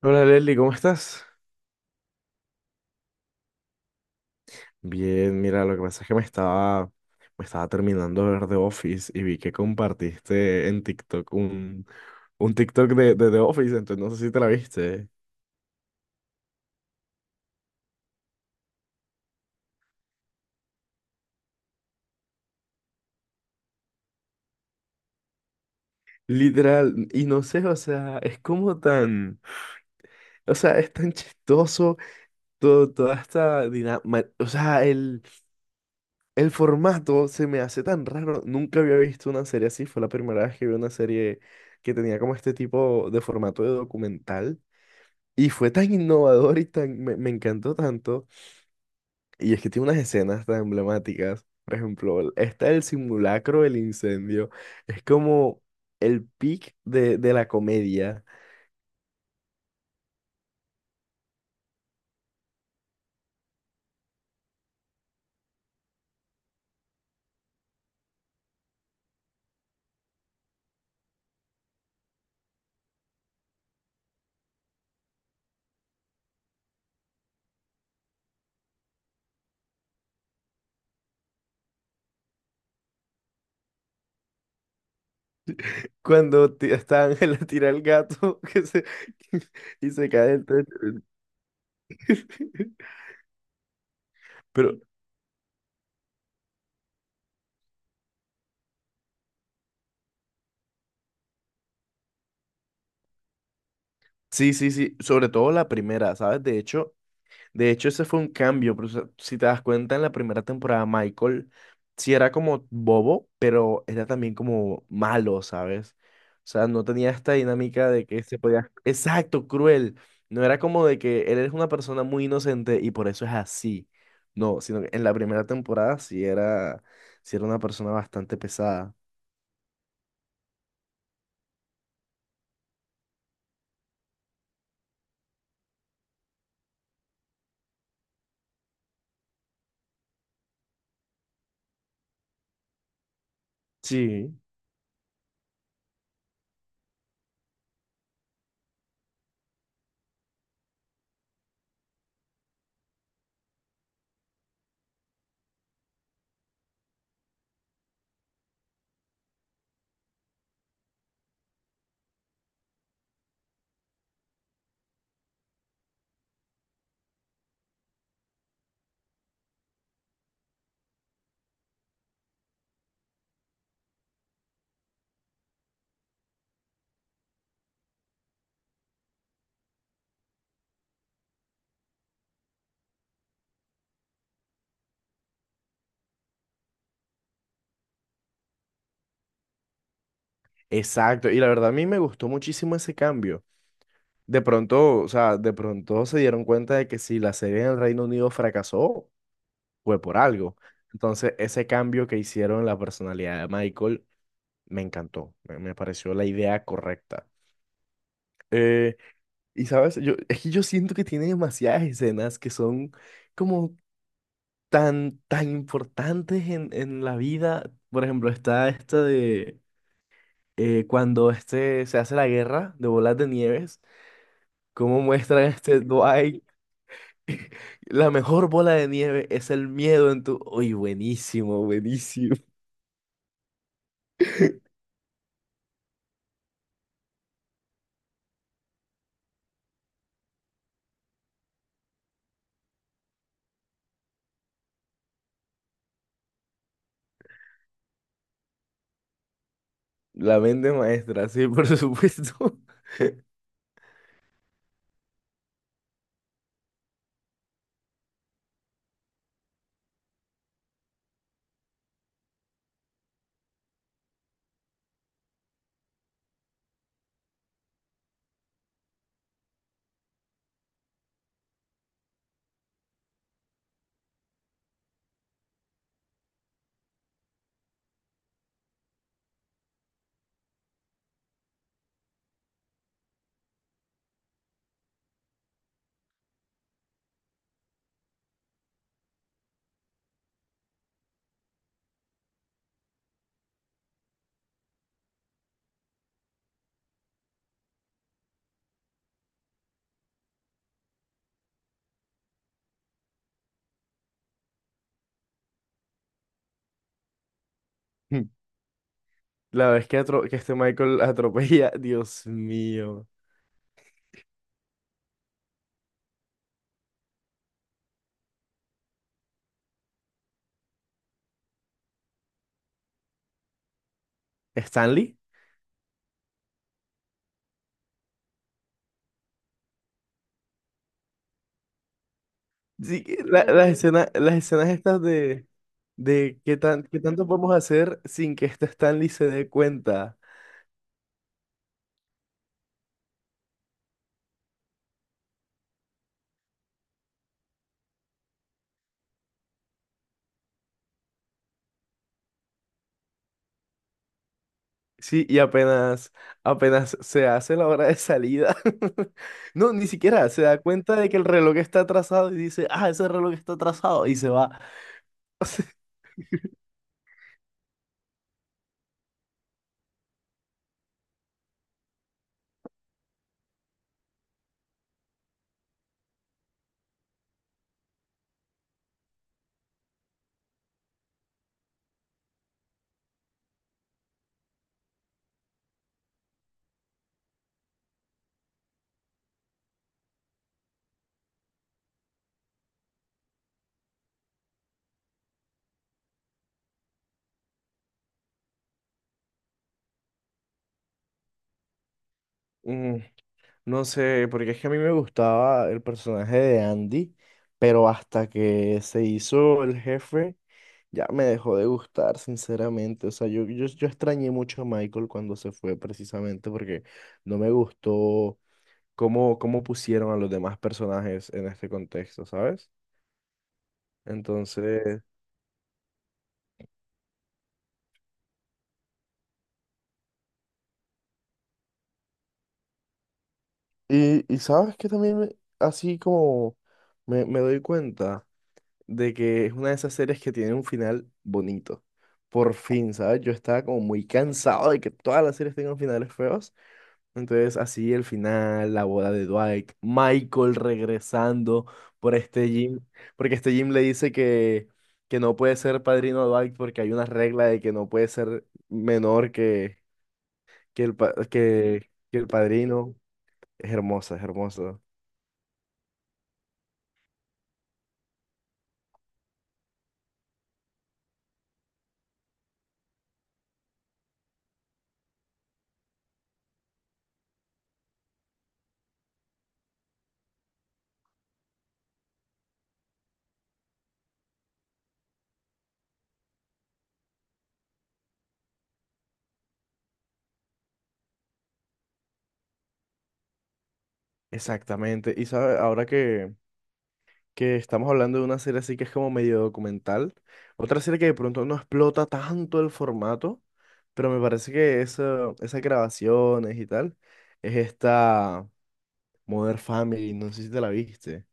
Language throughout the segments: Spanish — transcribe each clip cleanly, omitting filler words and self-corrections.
Hola Leslie, ¿cómo estás? Bien, mira, lo que pasa es que me estaba terminando de ver The Office y vi que compartiste en TikTok un TikTok de The Office, entonces no sé si te la viste. Literal, y no sé, o sea, es como tan, o sea, es tan chistoso todo, toda esta dinámica, o sea, el formato se me hace tan raro, nunca había visto una serie así, fue la primera vez que vi una serie que tenía como este tipo de formato de documental. Y fue tan innovador y tan, me encantó tanto. Y es que tiene unas escenas tan emblemáticas. Por ejemplo, esta del simulacro del incendio. Es como el pic de la comedia. Cuando está Ángel a tirar el gato que se, y se cae el techo. Pero sí. Sobre todo la primera, ¿sabes? De hecho, ese fue un cambio, pero o sea, si te das cuenta, en la primera temporada Michael sí era como bobo, pero era también como malo, ¿sabes? O sea, no tenía esta dinámica de que se podía... Exacto, cruel. No era como de que él es una persona muy inocente y por eso es así. No, sino que en la primera temporada sí era una persona bastante pesada. Sí, exacto. Y la verdad a mí me gustó muchísimo ese cambio. De pronto, o sea, de pronto se dieron cuenta de que si la serie en el Reino Unido fracasó, fue por algo. Entonces, ese cambio que hicieron en la personalidad de Michael me encantó. Me pareció la idea correcta. Eh, y sabes, yo, es que yo siento que tiene demasiadas escenas que son como tan, tan importantes en la vida. Por ejemplo, está esta de cuando este se hace la guerra de bolas de nieves, cómo muestran este Dwight. La mejor bola de nieve es el miedo en tu... Uy, buenísimo. La mente maestra, sí, por supuesto. La vez que, que este Michael atropella, Dios mío. ¿Stanley? Sí, que las Ujú escenas, las escenas estas de qué tan, qué tanto podemos hacer sin que este Stanley se dé cuenta. Sí, y apenas se hace la hora de salida. No, ni siquiera se da cuenta de que el reloj está atrasado y dice, ah, ese reloj está atrasado y se va. Mm, no sé, porque es que a mí me gustaba el personaje de Andy, pero hasta que se hizo el jefe, ya me dejó de gustar, sinceramente. O sea, yo extrañé mucho a Michael cuando se fue, precisamente porque no me gustó cómo, cómo pusieron a los demás personajes en este contexto, ¿sabes? Entonces, y sabes que también así como me doy cuenta de que es una de esas series que tiene un final bonito. Por fin, ¿sabes? Yo estaba como muy cansado de que todas las series tengan finales feos. Entonces, así el final, la boda de Dwight, Michael regresando por este Jim, porque este Jim le dice que no puede ser padrino de Dwight porque hay una regla de que no puede ser menor que que el padrino. Es hermosa. Exactamente. Y sabe, ahora que estamos hablando de una serie así que es como medio documental, otra serie que de pronto no explota tanto el formato, pero me parece que eso, esas grabaciones y tal, es esta Modern Family. No sé si te la viste.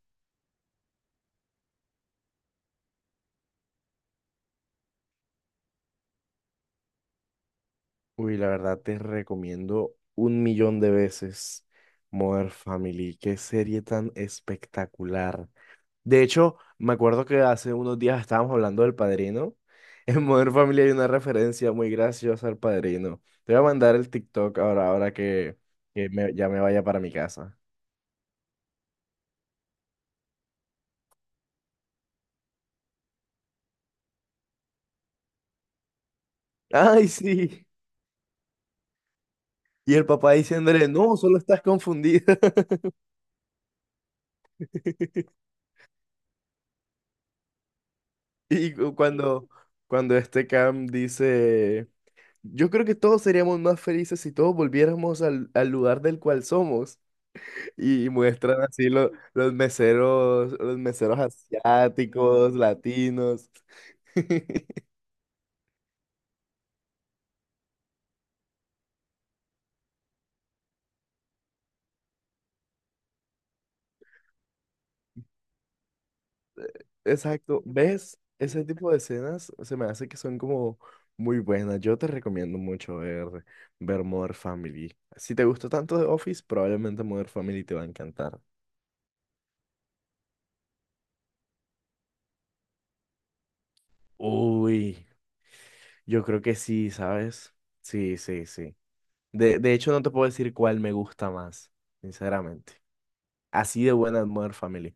Uy, la verdad te recomiendo un millón de veces Modern Family. Qué serie tan espectacular. De hecho, me acuerdo que hace unos días estábamos hablando del Padrino. En Modern Family hay una referencia muy graciosa al Padrino. Te voy a mandar el TikTok ahora, ahora que ya me vaya para mi casa. ¡Ay, sí! Y el papá diciéndole, no, solo estás confundida. Y cuando, cuando este Cam dice, yo creo que todos seríamos más felices si todos volviéramos al lugar del cual somos. Y muestran así los meseros asiáticos, latinos. Exacto, ¿ves? Ese tipo de escenas se me hace que son como muy buenas. Yo te recomiendo mucho ver Modern Family. Si te gustó tanto The Office, probablemente Modern Family te va a encantar. Uy, yo creo que sí, ¿sabes? Sí. De hecho, no te puedo decir cuál me gusta más, sinceramente. Así de buena es Modern Family.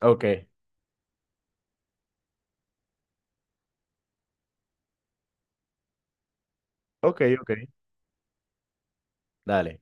Ok, ok. Dale.